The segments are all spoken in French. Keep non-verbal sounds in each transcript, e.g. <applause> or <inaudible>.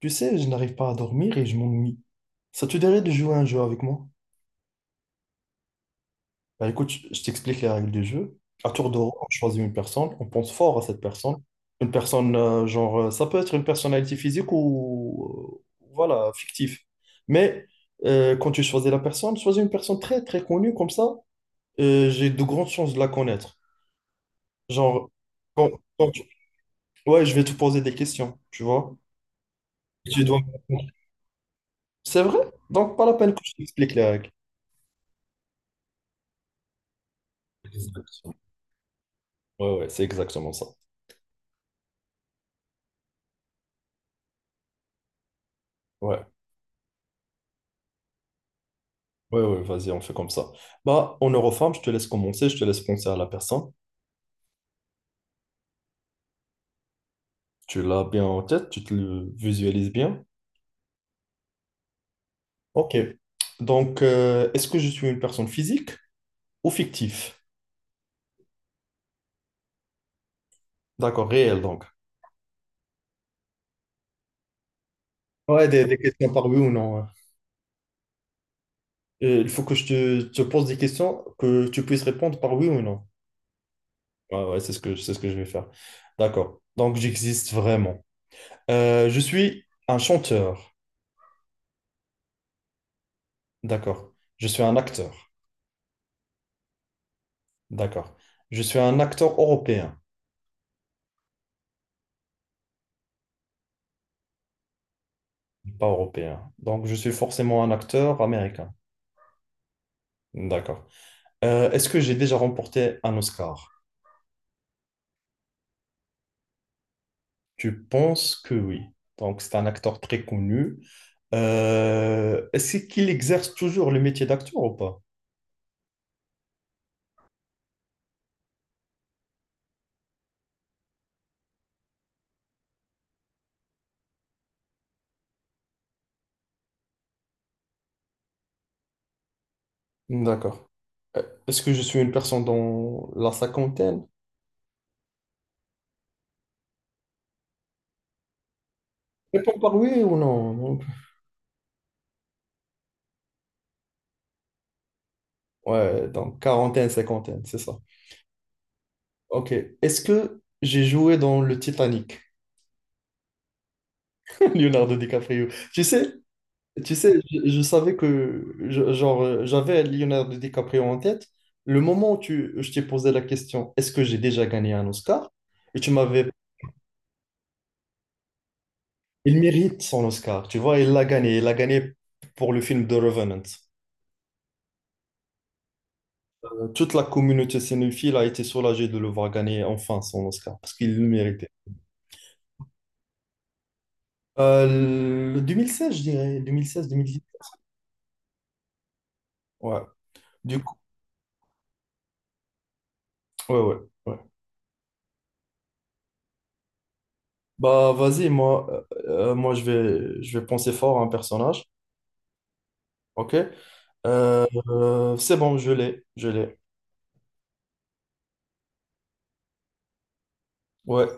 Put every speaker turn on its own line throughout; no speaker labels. Tu sais, je n'arrive pas à dormir et je m'ennuie. Ça te dirait de jouer à un jeu avec moi? Bah écoute, je t'explique les règles du jeu. À tour de rôle, on choisit une personne, on pense fort à cette personne. Une personne, genre, ça peut être une personnalité physique ou, voilà, fictive. Mais quand tu choisis la personne, choisis une personne très, très connue, comme ça, j'ai de grandes chances de la connaître. Genre, quand- quand tu- ouais, je vais te poser des questions, tu vois. Tu dois me répondre. C'est vrai? Donc, pas la peine que je t'explique les règles. Exact. Ouais, ouais, c'est exactement ça. Ouais, ouais, ouais, vas-y, on fait comme ça. Bah, en Eurofarm, je te laisse commencer, je te laisse penser à la personne. Tu l'as bien en tête, tu te le visualises bien. Ok. Donc, est-ce que je suis une personne physique ou fictive? D'accord, réelle donc. Ouais, des questions par oui ou non. Ouais. Il faut que je te pose des questions que tu puisses répondre par oui ou non. Ouais, ouais, c'est ce que je vais faire. D'accord. Donc, j'existe vraiment. Je suis un chanteur. D'accord. Je suis un acteur. D'accord. Je suis un acteur européen, pas européen. Donc, je suis forcément un acteur américain. D'accord. Est-ce que j'ai déjà remporté un Oscar? Tu penses que oui. Donc, c'est un acteur très connu. Est-ce qu'il exerce toujours le métier d'acteur ou pas? D'accord. Est-ce que je suis une personne dans la cinquantaine? Réponds par oui ou non. Non. Ouais, donc quarantaine, cinquantaine, c'est ça. Ok. Est-ce que j'ai joué dans le Titanic? <laughs> Leonardo DiCaprio. Tu sais, Tu sais, je savais genre j'avais Leonardo DiCaprio en tête. Le moment où je t'ai posé la question, est-ce que j'ai déjà gagné un Oscar? Et tu m'avais, il mérite son Oscar, tu vois, il l'a gagné pour le film The Revenant. Toute la communauté cinéphile a été soulagée de le voir gagner enfin son Oscar parce qu'il le méritait. Le 2016, je dirais, 2016-2017. Ouais. Du coup, ouais, ouais, ouais. Bah, vas-y, moi je vais penser fort à un personnage. Ok. C'est bon, je l'ai, je l'ai. Ouais,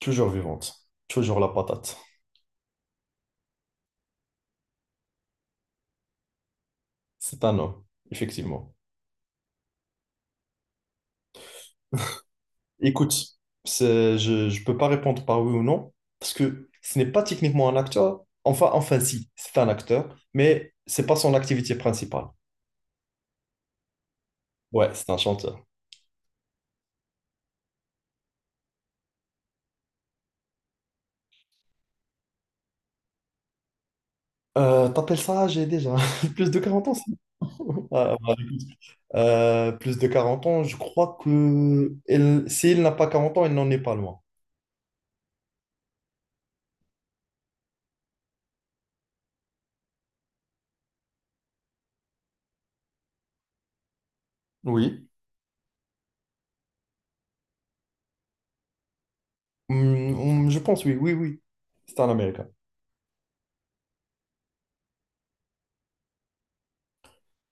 toujours vivante, toujours la patate. C'est un homme, effectivement. Écoute, je ne peux pas répondre par oui ou non, parce que ce n'est pas techniquement un acteur. Enfin, si, c'est un acteur, mais c'est pas son activité principale. Ouais, c'est un chanteur. T'appelles ça âgé déjà? <laughs> Plus de 40 ans, c'est trop. Ah, bah, écoute, plus de 40 ans, je crois s'il n'a pas 40 ans, il n'en est pas loin. Oui. Je pense, oui, oui, oui. C'était en Amérique, hein.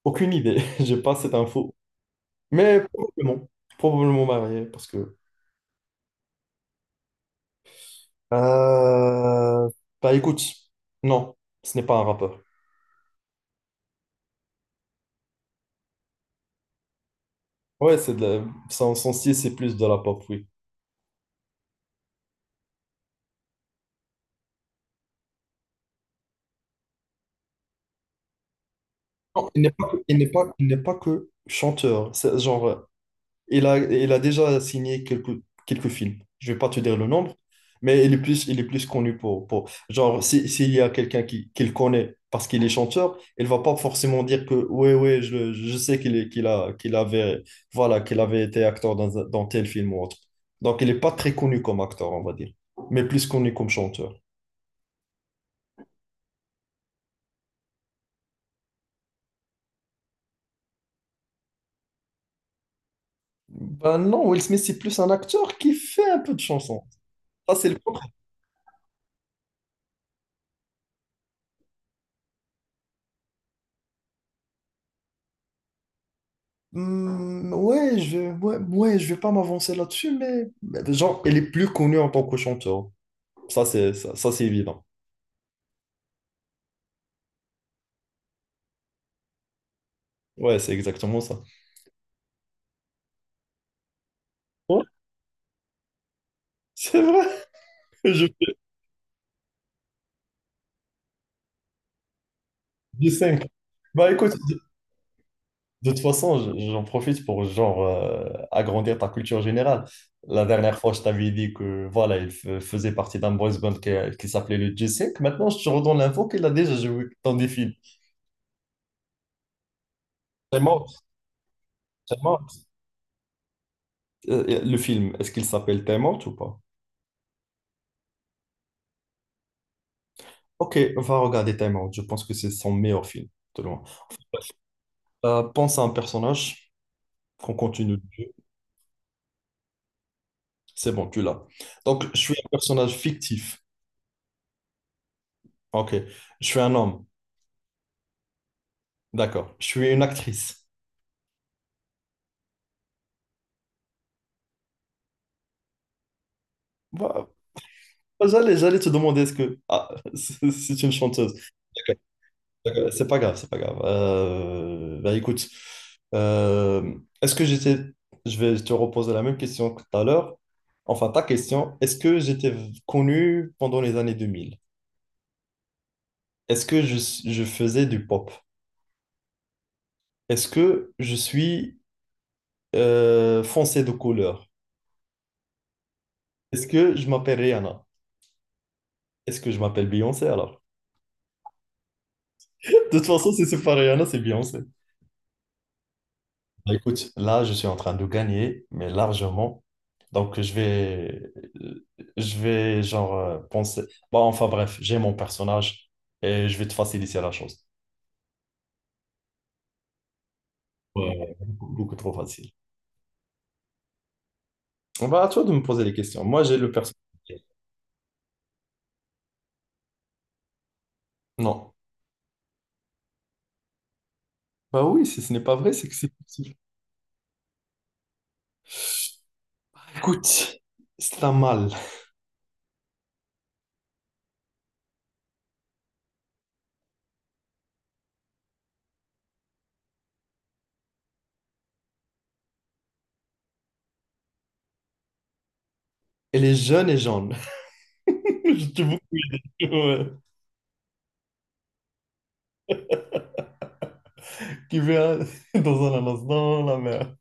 Aucune idée. <laughs> J'ai pas cette info. Mais probablement. Probablement marié, parce que. Euh, Bah écoute, non, ce n'est pas un rappeur. Ouais, son, style, c'est plus de la pop, oui. Non, il n'est pas, il n'est pas, il n'est pas que chanteur. C'est genre. Il a, déjà signé quelques films. Je vais pas te dire le nombre, mais il est plus, connu pour. Genre, s'il y a quelqu'un qui le connaît parce qu'il est chanteur, il va pas forcément dire que, ouais, ouais, je sais qu'il avait, voilà, qu'il avait été acteur dans tel film ou autre. Donc, il est pas très connu comme acteur, on va dire, mais plus connu comme chanteur. Ben non, Will Smith, c'est plus un acteur qui fait un peu de chansons. Ça, c'est le. Hmm, ouais, ouais, ouais, je vais pas m'avancer là-dessus, mais genre, elle est plus connue en tant que chanteur. Ça, c'est ça. Ça, c'est évident. Ouais, c'est exactement ça. Ouais, c'est vrai, <laughs> je fais du 5. Bah écoute, de toute façon, j'en profite pour genre agrandir ta culture générale. La dernière fois, je t'avais dit que voilà, faisait partie d'un boys band qui s'appelait le G5. Maintenant, je te redonne l'info qu'il a déjà joué dans des films. Time Out, Time Out. Le film, est-ce qu'il s'appelle Time Out ou pas? Ok, va regarder Time Out. Je pense que c'est son meilleur film, de loin. Pense à un personnage qu'on continue dessus. C'est bon, tu l'as. Donc, je suis un personnage fictif. Ok. Je suis un homme. D'accord. Je suis une actrice. Bah, j'allais te demander est-ce que. Ah, <laughs> c'est une chanteuse. D'accord, d'accord. C'est pas grave, c'est pas grave. Bah, écoute, euh, est-ce que j'étais. Je vais te reposer la même question que tout à l'heure. Enfin, ta question. Est-ce que j'étais connu pendant les années 2000. Est-ce que je faisais du pop? Est-ce que je suis foncé de couleur? Est-ce que je m'appelle Rihanna? Est-ce que je m'appelle Beyoncé alors? <laughs> De toute façon, si c'est pas Rihanna, c'est Beyoncé. Bah, écoute, là, je suis en train de gagner, mais largement. Donc, euh, je vais genre penser. Bon, enfin bref, j'ai mon personnage et je vais te faciliter la chose. Ouais, ouais, beaucoup, beaucoup trop facile. Bah, à toi de me poser les questions. Moi, j'ai le personnage. Non. Bah oui, si ce n'est pas vrai, c'est que c'est possible. Écoute, c'est un mâle. Elle est jeune et jaune. <laughs> Je te vous ouais. Qui vient <laughs> dans un annonce dans la mer.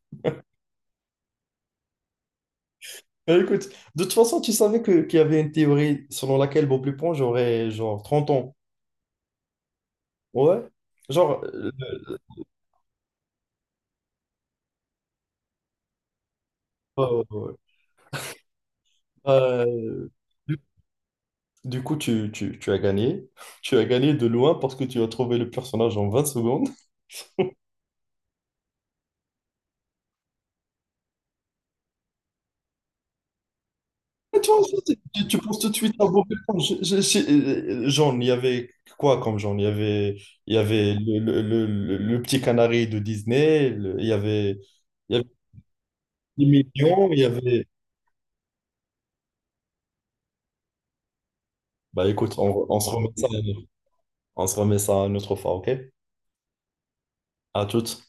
Mais écoute, de toute façon, tu savais qu'il y avait une théorie selon laquelle Bob Lupon, j'aurais genre 30 ans. Ouais. Genre, euh, euh, euh, du du coup, tu as gagné. Tu as gagné de loin parce que tu as trouvé le personnage en 20 secondes. Et toi aussi, penses tout de suite à Bob Éponge. Genre, il y avait quoi comme genre? Il y avait le petit canari de Disney, il y avait les millions, il y avait. Bah écoute, on on se remet ça une autre fois, ok? À toutes.